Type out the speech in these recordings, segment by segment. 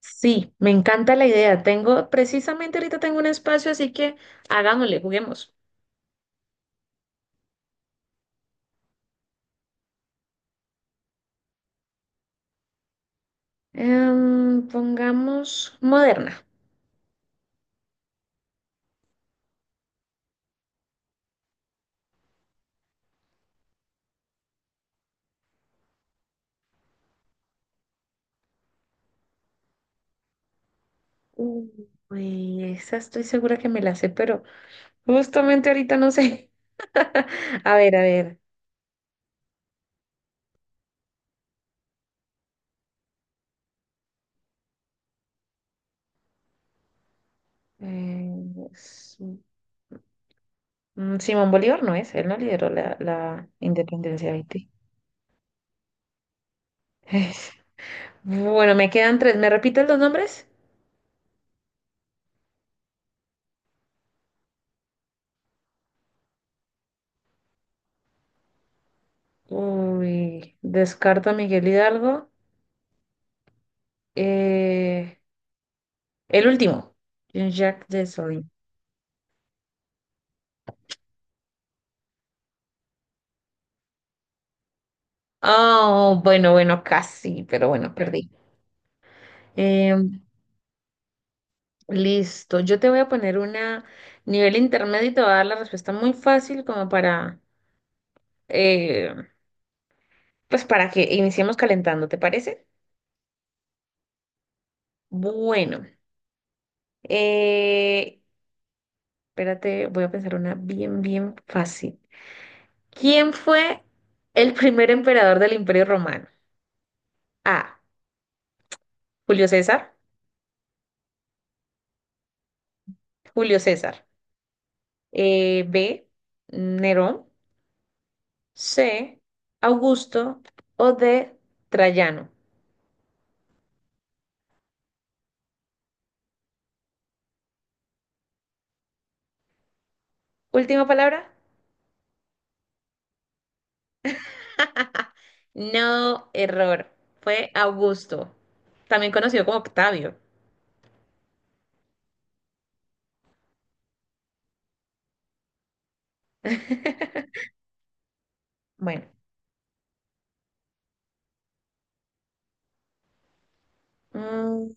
Sí, me encanta la idea. Precisamente ahorita tengo un espacio, así que hagámosle, juguemos. Pongamos moderna. Uy, esa estoy segura que me la sé, pero justamente ahorita no sé. A ver, a ver. eh, es- Simón Bolívar no es, él no lideró la independencia de Haití. Es- Bueno, me quedan tres. ¿Me repites los nombres? Uy, descarto a Miguel Hidalgo. Eh, El último. Jean-Jacques Dessalines. Oh, bueno, bueno, casi, pero bueno, perdí. Em, listo, yo te voy a poner una nivel intermedio y te voy a dar la respuesta muy fácil como para, eh, pues para que iniciemos calentando, ¿te parece? Bueno, eh, espérate, voy a pensar una bien, bien fácil. ¿Quién fue el primer emperador del Imperio Romano? A. Julio César. Julio César. B. Nerón. C, Augusto o D, Trayano. Última palabra. No, error. Fue Augusto, también conocido como Octavio. Bueno, mm,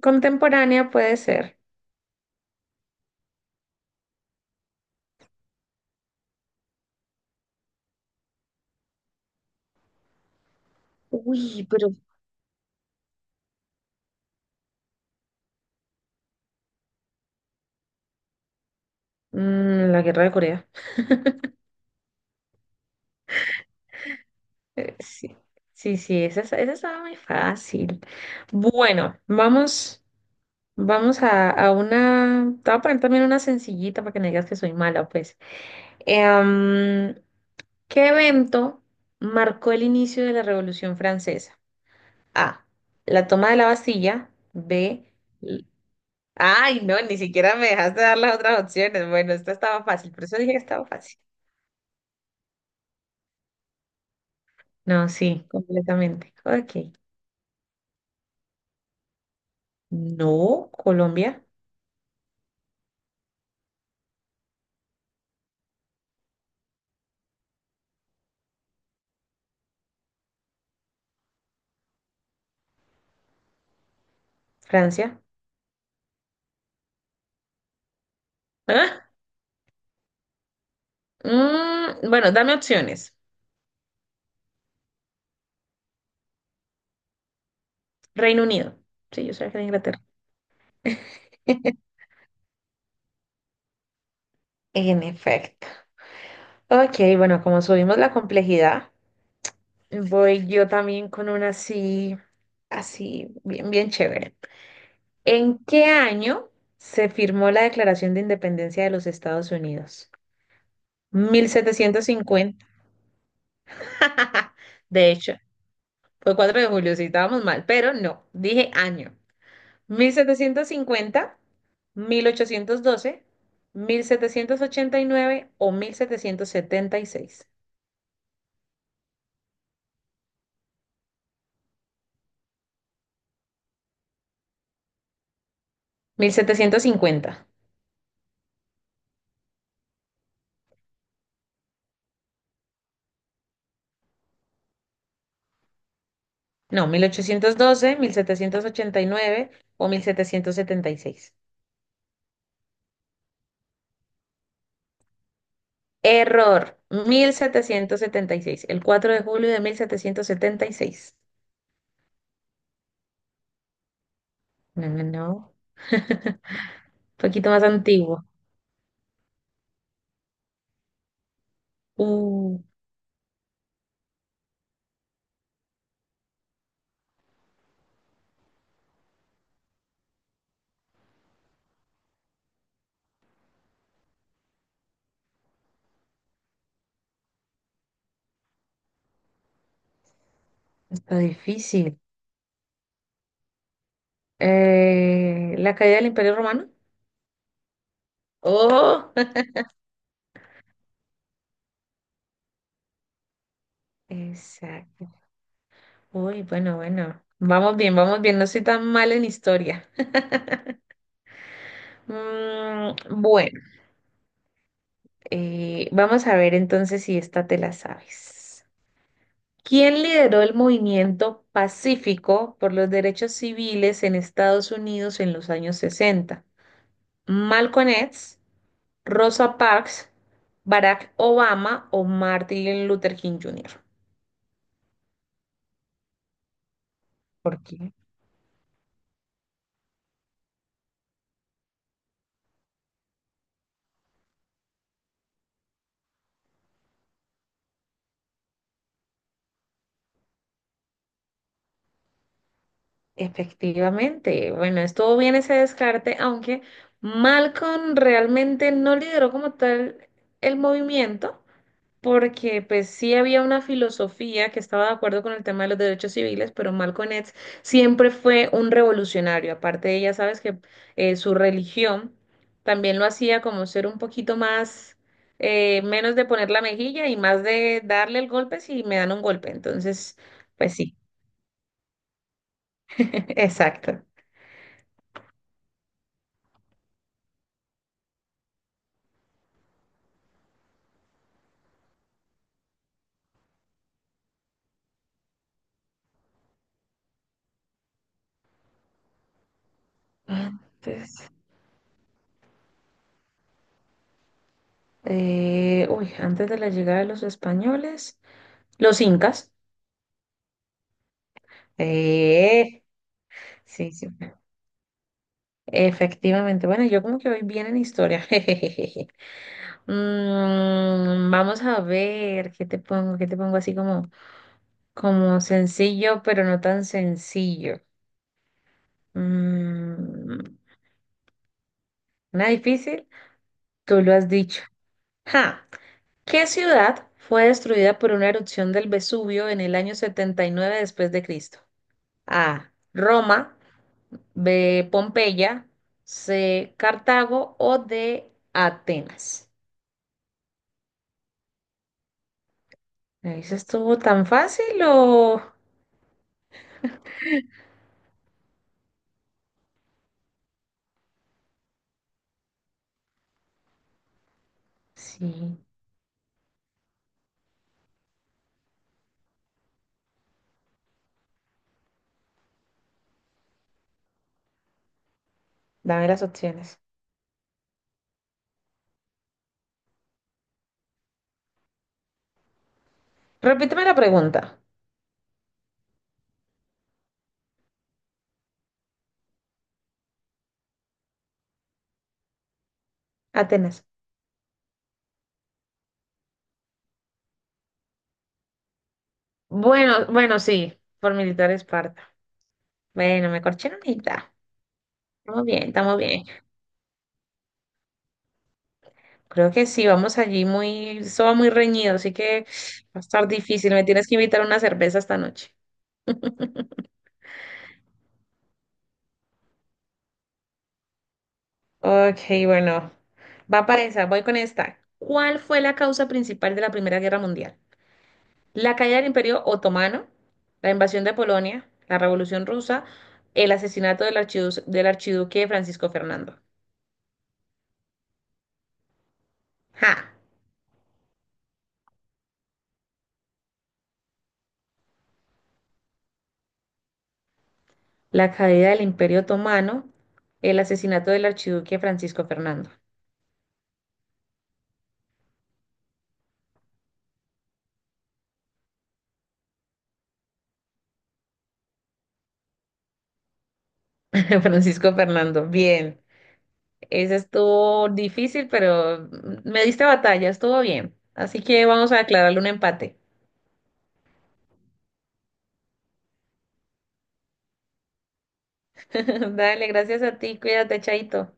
contemporánea puede ser. Uy, pero la guerra de Corea. Sí, sí, sí, esa estaba muy fácil. Bueno, vamos a una. Te voy a poner también una sencillita para que no digas que soy mala, pues. Em, ¿Qué evento marcó el inicio de la Revolución Francesa? A. La toma de la Bastilla. B. l- Ay, no, ni siquiera me dejaste dar las otras opciones. Bueno, esta estaba fácil, por eso dije que estaba fácil. No, sí, completamente. Ok. No, Colombia, Francia. ¿Ah? Bueno, dame opciones. Reino Unido. Sí, yo sabía que era Inglaterra. En efecto. Ok, bueno, como subimos la complejidad. Voy yo también con una así, así, bien, bien chévere. ¿En qué año se firmó la Declaración de Independencia de los Estados Unidos? 1750. De hecho, fue 4 de julio, si estábamos mal, pero no, dije año. Mil setecientos cincuenta, 1812, 1789 o mil setecientos setenta y seis. 1750. No, mil ochocientos doce, 1789 o 1776. Error, 1776, el 4 de julio de 1776. No, no, no. Un poquito más antiguo. Uh, está difícil. La caída del Imperio Romano. Oh, exacto. Uy, bueno, bueno. Vamos bien, vamos bien. No soy tan mal en historia. Mm, bueno, vamos a ver entonces si esta te la sabes. ¿Quién lideró el movimiento pacífico por los derechos civiles en Estados Unidos en los años 60? ¿Malcolm X, Rosa Parks, Barack Obama o Martin Luther King Jr.? Porque efectivamente, bueno, estuvo bien ese descarte, aunque Malcolm realmente no lideró como tal el movimiento, porque pues sí había una filosofía que estaba de acuerdo con el tema de los derechos civiles, pero Malcolm X siempre fue un revolucionario. Aparte de ella, sabes que su religión también lo hacía como ser un poquito más, menos de poner la mejilla y más de darle el golpe si me dan un golpe. Entonces, pues sí, exacto. Antes, uy, antes de la llegada de los españoles, los incas. Eh, sí, sí. Efectivamente, bueno, yo como que voy bien en historia. jejejeje. Vamos a ver qué te pongo así como sencillo, pero no tan sencillo. Mm, una difícil, tú lo has dicho. Ja, ¿qué ciudad fue destruida por una erupción del Vesubio en el año 79 después de Cristo? A. Roma, B. Pompeya, C. Cartago o D. Atenas. ¿Me dices estuvo tan fácil o...? Sí, dame las opciones. Repíteme la pregunta. Atenas. Bueno, bueno, sí, por militar Esparta. Bueno, me corché en unita. Estamos bien, estamos bien. Creo que sí, vamos allí muy... Eso va muy reñido, así que va a estar difícil. Me tienes que invitar una cerveza esta noche. Ok, bueno. Va para esa, voy con esta. ¿Cuál fue la causa principal de la Primera Guerra Mundial? La caída del Imperio Otomano, la invasión de Polonia, la Revolución Rusa, el asesinato del archiduque Francisco Fernando. ¡Ja! La caída del Imperio Otomano, el asesinato del archiduque Francisco Fernando. Francisco Fernando, bien. Ese estuvo difícil, pero me diste batalla, estuvo bien. Así que vamos a declararle un empate. Dale, gracias a ti, cuídate, Chaito.